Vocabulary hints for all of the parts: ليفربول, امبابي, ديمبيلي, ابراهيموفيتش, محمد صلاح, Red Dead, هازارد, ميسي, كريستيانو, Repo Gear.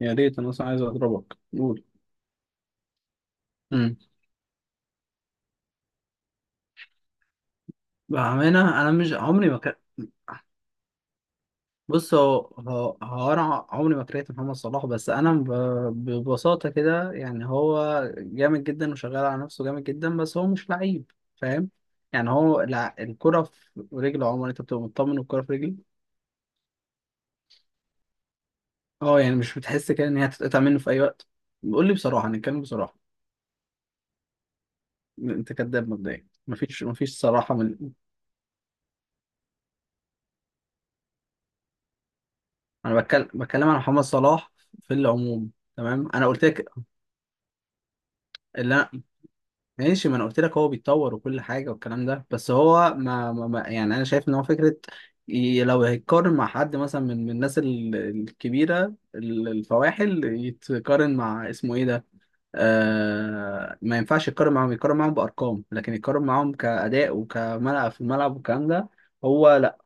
يا ريت انا اصلا عايز اضربك قول. امم بأمانة أنا مش عمري ما كان. بص هو أنا عمري ما كرهت محمد صلاح، بس ببساطة كده يعني هو جامد جدا وشغال على نفسه جامد جدا، بس هو مش لعيب، فاهم؟ يعني الكرة في رجله، عمر، أنت بتبقى مطمن والكرة في رجله. أه يعني مش بتحس كده إن هي هتتقطع منه في أي وقت. قول لي بصراحة، نتكلم بصراحة. أنت كذاب مبدئيا، مفيش صراحة من. أنا بتكلم عن محمد صلاح في العموم، تمام؟ أنا قلت لك لا. ماشي، ما انا قلت لك هو بيتطور وكل حاجه والكلام ده، بس هو يعني انا شايف ان هو فكره. لو هيتقارن مع حد مثلا من الناس الكبيره الفواحل، يتقارن مع اسمه ايه ده، آه، ما ينفعش يتقارن معاهم، يتقارن معاهم بارقام، لكن يتقارن معاهم كاداء وكملعب في الملعب والكلام ده. هو لا.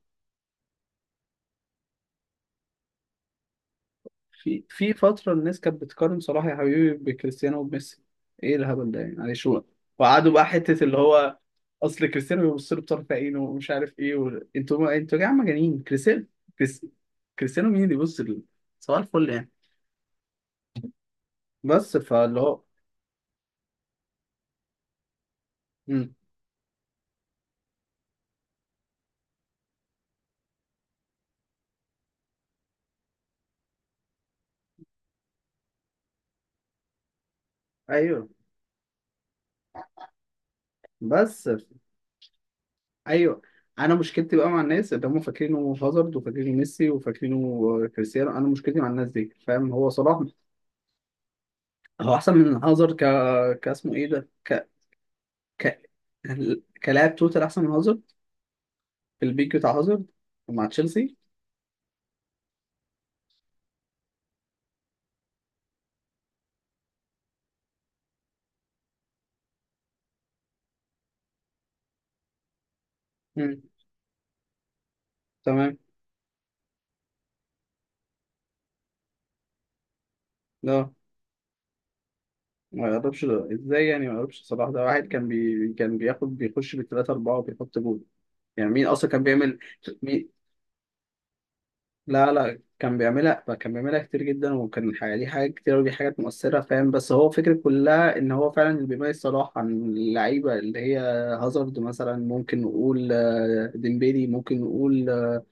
في في فترة الناس كانت بتقارن صلاح يا حبيبي بكريستيانو وبميسي. ايه الهبل ده يعني؟ معلش وقعدوا بقى حتة اللي هو، اصل كريستيانو بيبص له بطرف عينه ومش عارف ايه انتوا يا جماعة مجانين كريستيانو. كريس... كريستيانو مين اللي صباح الفل يعني، بس فاللي هو مم. ايوه، بس ف- ايوه انا مشكلتي بقى مع الناس اللي هم فاكرينه هازارد وفاكرينه ميسي وفاكرينه كريستيانو، انا مشكلتي مع الناس دي، فاهم؟ هو صلاح هو احسن من هازارد كاسمه ايه ده، ك... ك... كلاعب توتال احسن من هازارد في البيك بتاع هازارد مع تشيلسي. مم. تمام. لا، ما يقربش ده ازاي يعني ما يقربش صلاح؟ ده واحد كان بياخد بيخش بالثلاثة أربعة وبيحط جول. يعني مين أصلا كان بيعمل؟ مين؟ لا كان بيعملها، كان بيعملها كتير جدا، وكان الحقيقة ليه حاجات كتير ودي حاجات مؤثرة، فاهم؟ بس هو الفكرة كلها إن هو فعلا اللي بيميز صلاح عن اللعيبة اللي هي هازارد مثلا، ممكن نقول آه، ديمبيلي ممكن نقول آه،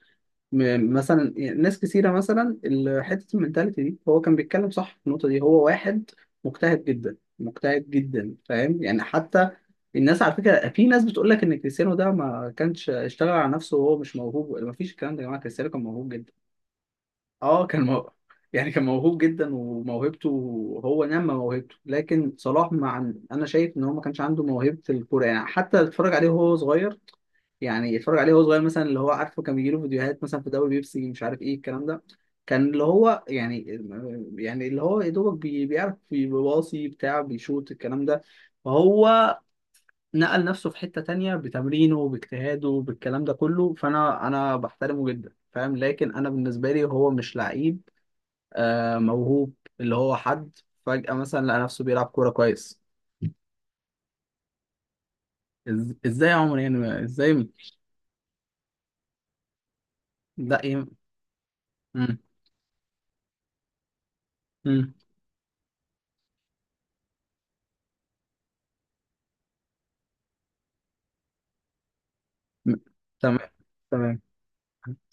مثلا ناس كثيرة مثلا حتة المنتاليتي دي، هو كان بيتكلم صح في النقطة دي. هو واحد مجتهد جدا مجتهد جدا، فاهم يعني؟ حتى الناس على فكرة، في ناس بتقول لك إن كريستيانو ده ما كانش اشتغل على نفسه وهو مش موهوب. ما فيش الكلام ده يا جماعة، كريستيانو كان موهوب جدا. اه كان موهوب، يعني كان موهوب جدا وموهبته، هو نمى موهبته. لكن صلاح، مع انا شايف ان هو ما كانش عنده موهبة الكورة. يعني حتى اتفرج عليه وهو صغير، يعني يتفرج عليه وهو صغير مثلا، اللي هو عارفه كان بيجيله فيديوهات مثلا في دوري بيبسي مش عارف ايه الكلام ده، كان اللي هو يعني، يعني اللي هو يا دوبك بيعرف بيباصي بتاع بيشوط الكلام ده، فهو نقل نفسه في حتة تانية بتمرينه باجتهاده بالكلام ده كله. فانا بحترمه جدا، فاهم؟ لكن انا بالنسبة لي هو مش لعيب، آه، موهوب، اللي هو حد فجأة مثلا لقى نفسه بيلعب كورة كويس. ازاي يا عمر يعني ازاي؟ لا يم... مم. مم. تمام تمام.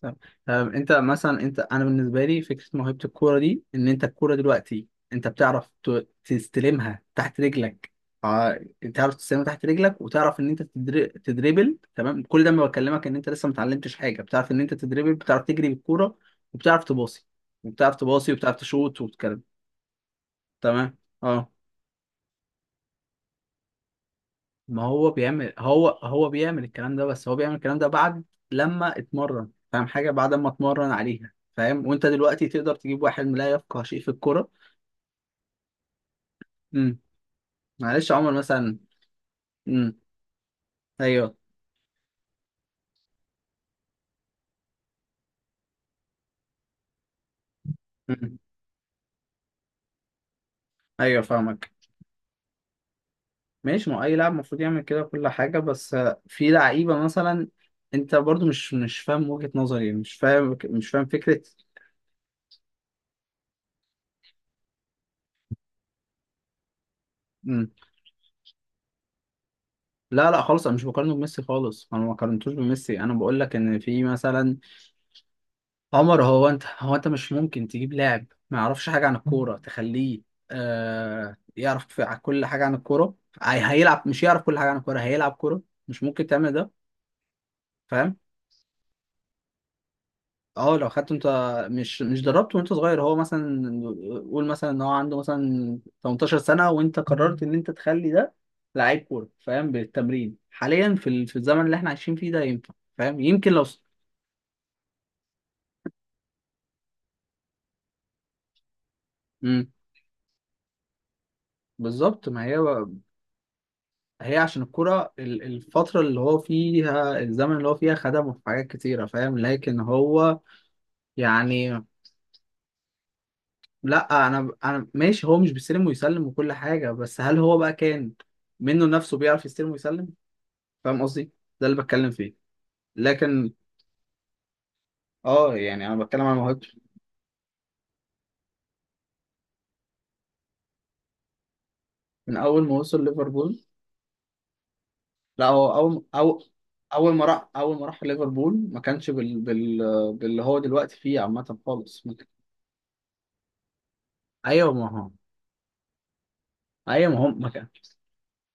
طب، طب انت مثلا، انا بالنسبه لي فكره موهبه الكوره دي ان انت الكوره دلوقتي انت بتعرف تستلمها تحت رجلك. اه، تعرف تستلمها تحت رجلك وتعرف ان انت تدريبل، تمام؟ كل ده ما بكلمك ان انت لسه ما اتعلمتش حاجه، بتعرف ان انت تدريبل، بتعرف تجري بالكوره، وبتعرف تباصي، وبتعرف تباصي، وبتعرف تشوت وبتكلم، تمام؟ اه. ما هو بيعمل، هو بيعمل الكلام ده، بس هو بيعمل الكلام ده بعد لما اتمرن، فاهم حاجة؟ بعد ما اتمرن عليها، فاهم؟ وانت دلوقتي تقدر تجيب واحد لا يفقه شيء في الكورة. امم معلش يا عمر مثلا، امم ايوه، امم ايوه فاهمك. ماشي ما هو اي لاعب المفروض يعمل كده كل حاجة، بس آه، في لعيبة مثلا انت برضو مش فاهم وجهة نظري، مش فاهم فكرة. امم لا لا خالص، انا مش بقارنه بميسي خالص، انا ما قارنتوش بميسي، انا بقول لك ان في مثلا. عمر، هو انت مش ممكن تجيب لاعب ما يعرفش حاجه عن الكوره تخليه آه يعرف كل حاجه عن الكوره، هيلعب، مش يعرف كل حاجه عن الكوره هيلعب كوره. مش ممكن تعمل ده، فاهم؟ اه، لو خدته انت، مش دربته وانت صغير، هو مثلا، قول مثلا ان هو عنده مثلا 18 سنه وانت قررت ان انت تخلي ده لعيب كوره، فاهم؟ بالتمرين حاليا في في الزمن اللي احنا عايشين فيه ده ينفع، فاهم؟ يمكن لو امم بالظبط. ما هي، هي عشان الكرة الفترة اللي هو فيها، الزمن اللي هو فيها خدمه في حاجات كتيرة، فاهم؟ لكن هو يعني. لا، أنا ماشي هو مش بيستلم ويسلم وكل حاجة، بس هل هو بقى كان منه نفسه بيعرف يستلم ويسلم؟ فاهم قصدي؟ ده اللي بتكلم فيه. لكن اه، يعني أنا بتكلم عن موهبته من أول ما وصل ليفربول. لا، هو أول أو، أول ما راح، أول ما راح ليفربول ما كانش باللي هو دلوقتي فيه عامة خالص. أيوه ما هو، ايوه. ما هم،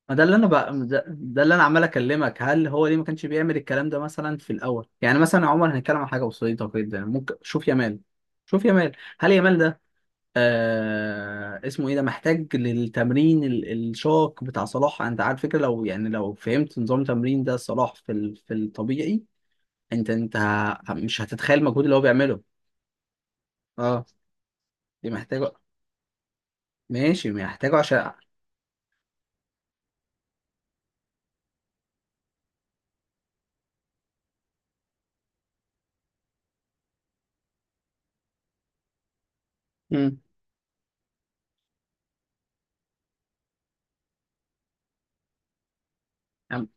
ما ده اللي انا بقى ده اللي انا عمال اكلمك. هل هو ليه ما كانش بيعمل الكلام ده مثلا في الاول؟ يعني مثلا يا عمر، هنتكلم عن حاجه بسيطه جدا. ممكن شوف يامال، شوف يامال، هل يامال ده آه اسمه ايه ده محتاج للتمرين الشاق بتاع صلاح؟ انت عارف فكره، لو يعني لو فهمت نظام تمرين ده صلاح في الطبيعي، انت مش هتتخيل المجهود اللي هو بيعمله. اه دي محتاجه. ماشي، محتاجه عشان مم.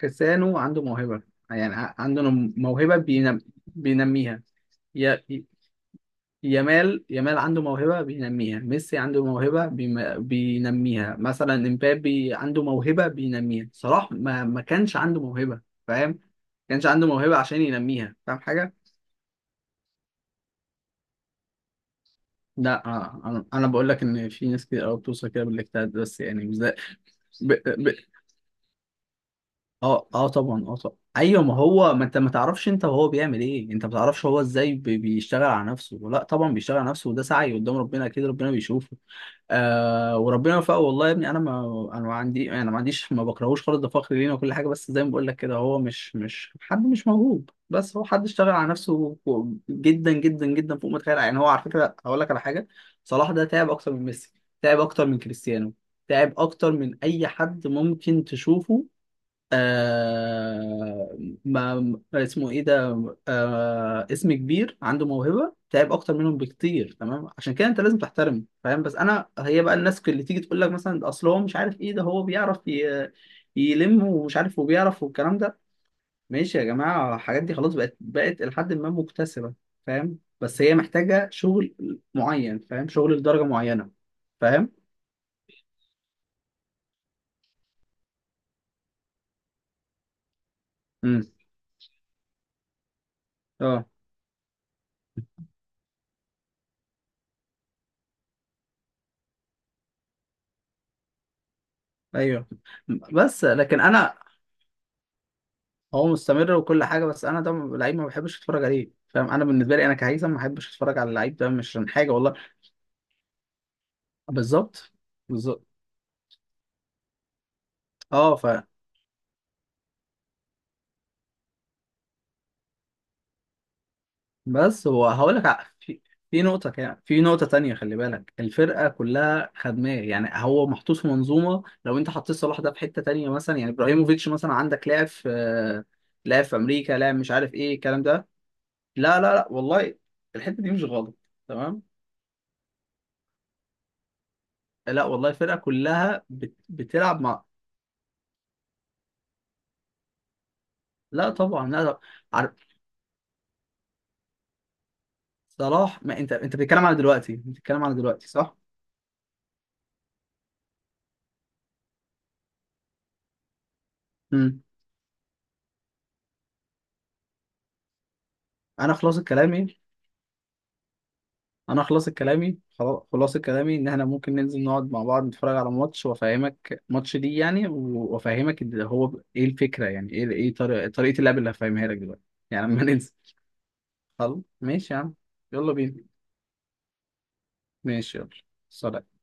كريستيانو عنده موهبة، يعني عنده بينميها. ي... ي- يامال، يامال عنده موهبة بينميها، ميسي عنده موهبة بينميها، مثلا امبابي عنده موهبة بينميها. صلاح ما كانش عنده موهبة، فاهم؟ ما كانش عنده موهبة عشان ينميها، فاهم حاجة؟ لا آه، انا بقول لك ان في ناس كتير قوي بتوصل كده بالاجتهاد بس، يعني مش ده. اه اه طبعا اه طبعا ايوه. ما هو ما انت ما تعرفش انت وهو بيعمل ايه، انت ما تعرفش هو ازاي بيشتغل على نفسه. لا طبعا بيشتغل على نفسه وده سعي قدام ربنا، اكيد ربنا بيشوفه، آه، وربنا وفقه. والله يا ابني انا ما عندي، ما عنديش ما بكرهوش خالص، ده فخر لينا وكل حاجه. بس زي ما بقول لك كده، هو مش حد مش موهوب، بس هو حد اشتغل على نفسه جدا جدا جدا فوق ما تتخيل. يعني هو على فكره، هقول لك على حاجه: صلاح ده تعب اكتر من ميسي، تعب اكتر من كريستيانو، تعب اكتر من اي حد ممكن تشوفه، آه، ما اسمه ايه ده، آه اسم كبير، عنده موهبة. تعب اكتر منهم بكتير، تمام؟ عشان كده انت لازم تحترمه، فاهم؟ بس انا هي بقى الناس اللي تيجي تقول لك مثلا ده اصل هو مش عارف ايه، ده هو بيعرف يلم ومش عارف وبيعرف والكلام ده، ماشي يا جماعة. الحاجات دي خلاص بقت لحد ما مكتسبة، فاهم؟ بس هي محتاجة شغل معين، فاهم؟ شغل لدرجة معينة، فاهم؟ امم اه، ايوه. بس لكن انا، هو مستمر وكل حاجه، بس انا ده لعيب ما بحبش اتفرج عليه، فاهم؟ انا بالنسبه لي انا كهيثم ما بحبش اتفرج على اللعيب ده، مش عشان حاجه والله. بالظبط، بالظبط. اه ف، بس هو هقول لك في، في نقطه كده، في نقطه تانية، خلي بالك الفرقه كلها خدماه، يعني هو محطوط في منظومه. لو انت حطيت صلاح ده في حته تانية مثلا، يعني ابراهيموفيتش مثلا، عندك لاعب في، لاعب في امريكا، لاعب مش عارف ايه الكلام ده. لا والله الحته دي مش غلط، تمام؟ لا والله الفرقه كلها بتلعب مع، لا طبعا، لا. عارف صلاح؟ ما انت، انت بتتكلم على دلوقتي، انت بتتكلم على دلوقتي، صح؟ امم انا خلاص كلامي، انا خلاص كلامي، خلاص كلامي، ان احنا ممكن ننزل نقعد مع بعض نتفرج على ماتش وافهمك ماتش دي يعني، وافهمك هو ايه الفكره يعني، ايه ايه طريقه اللعب اللي هفهمها لك دلوقتي، يعني لما ننزل. خلاص ماشي يا عم، يلا بينا. ماشي يلا، سلام.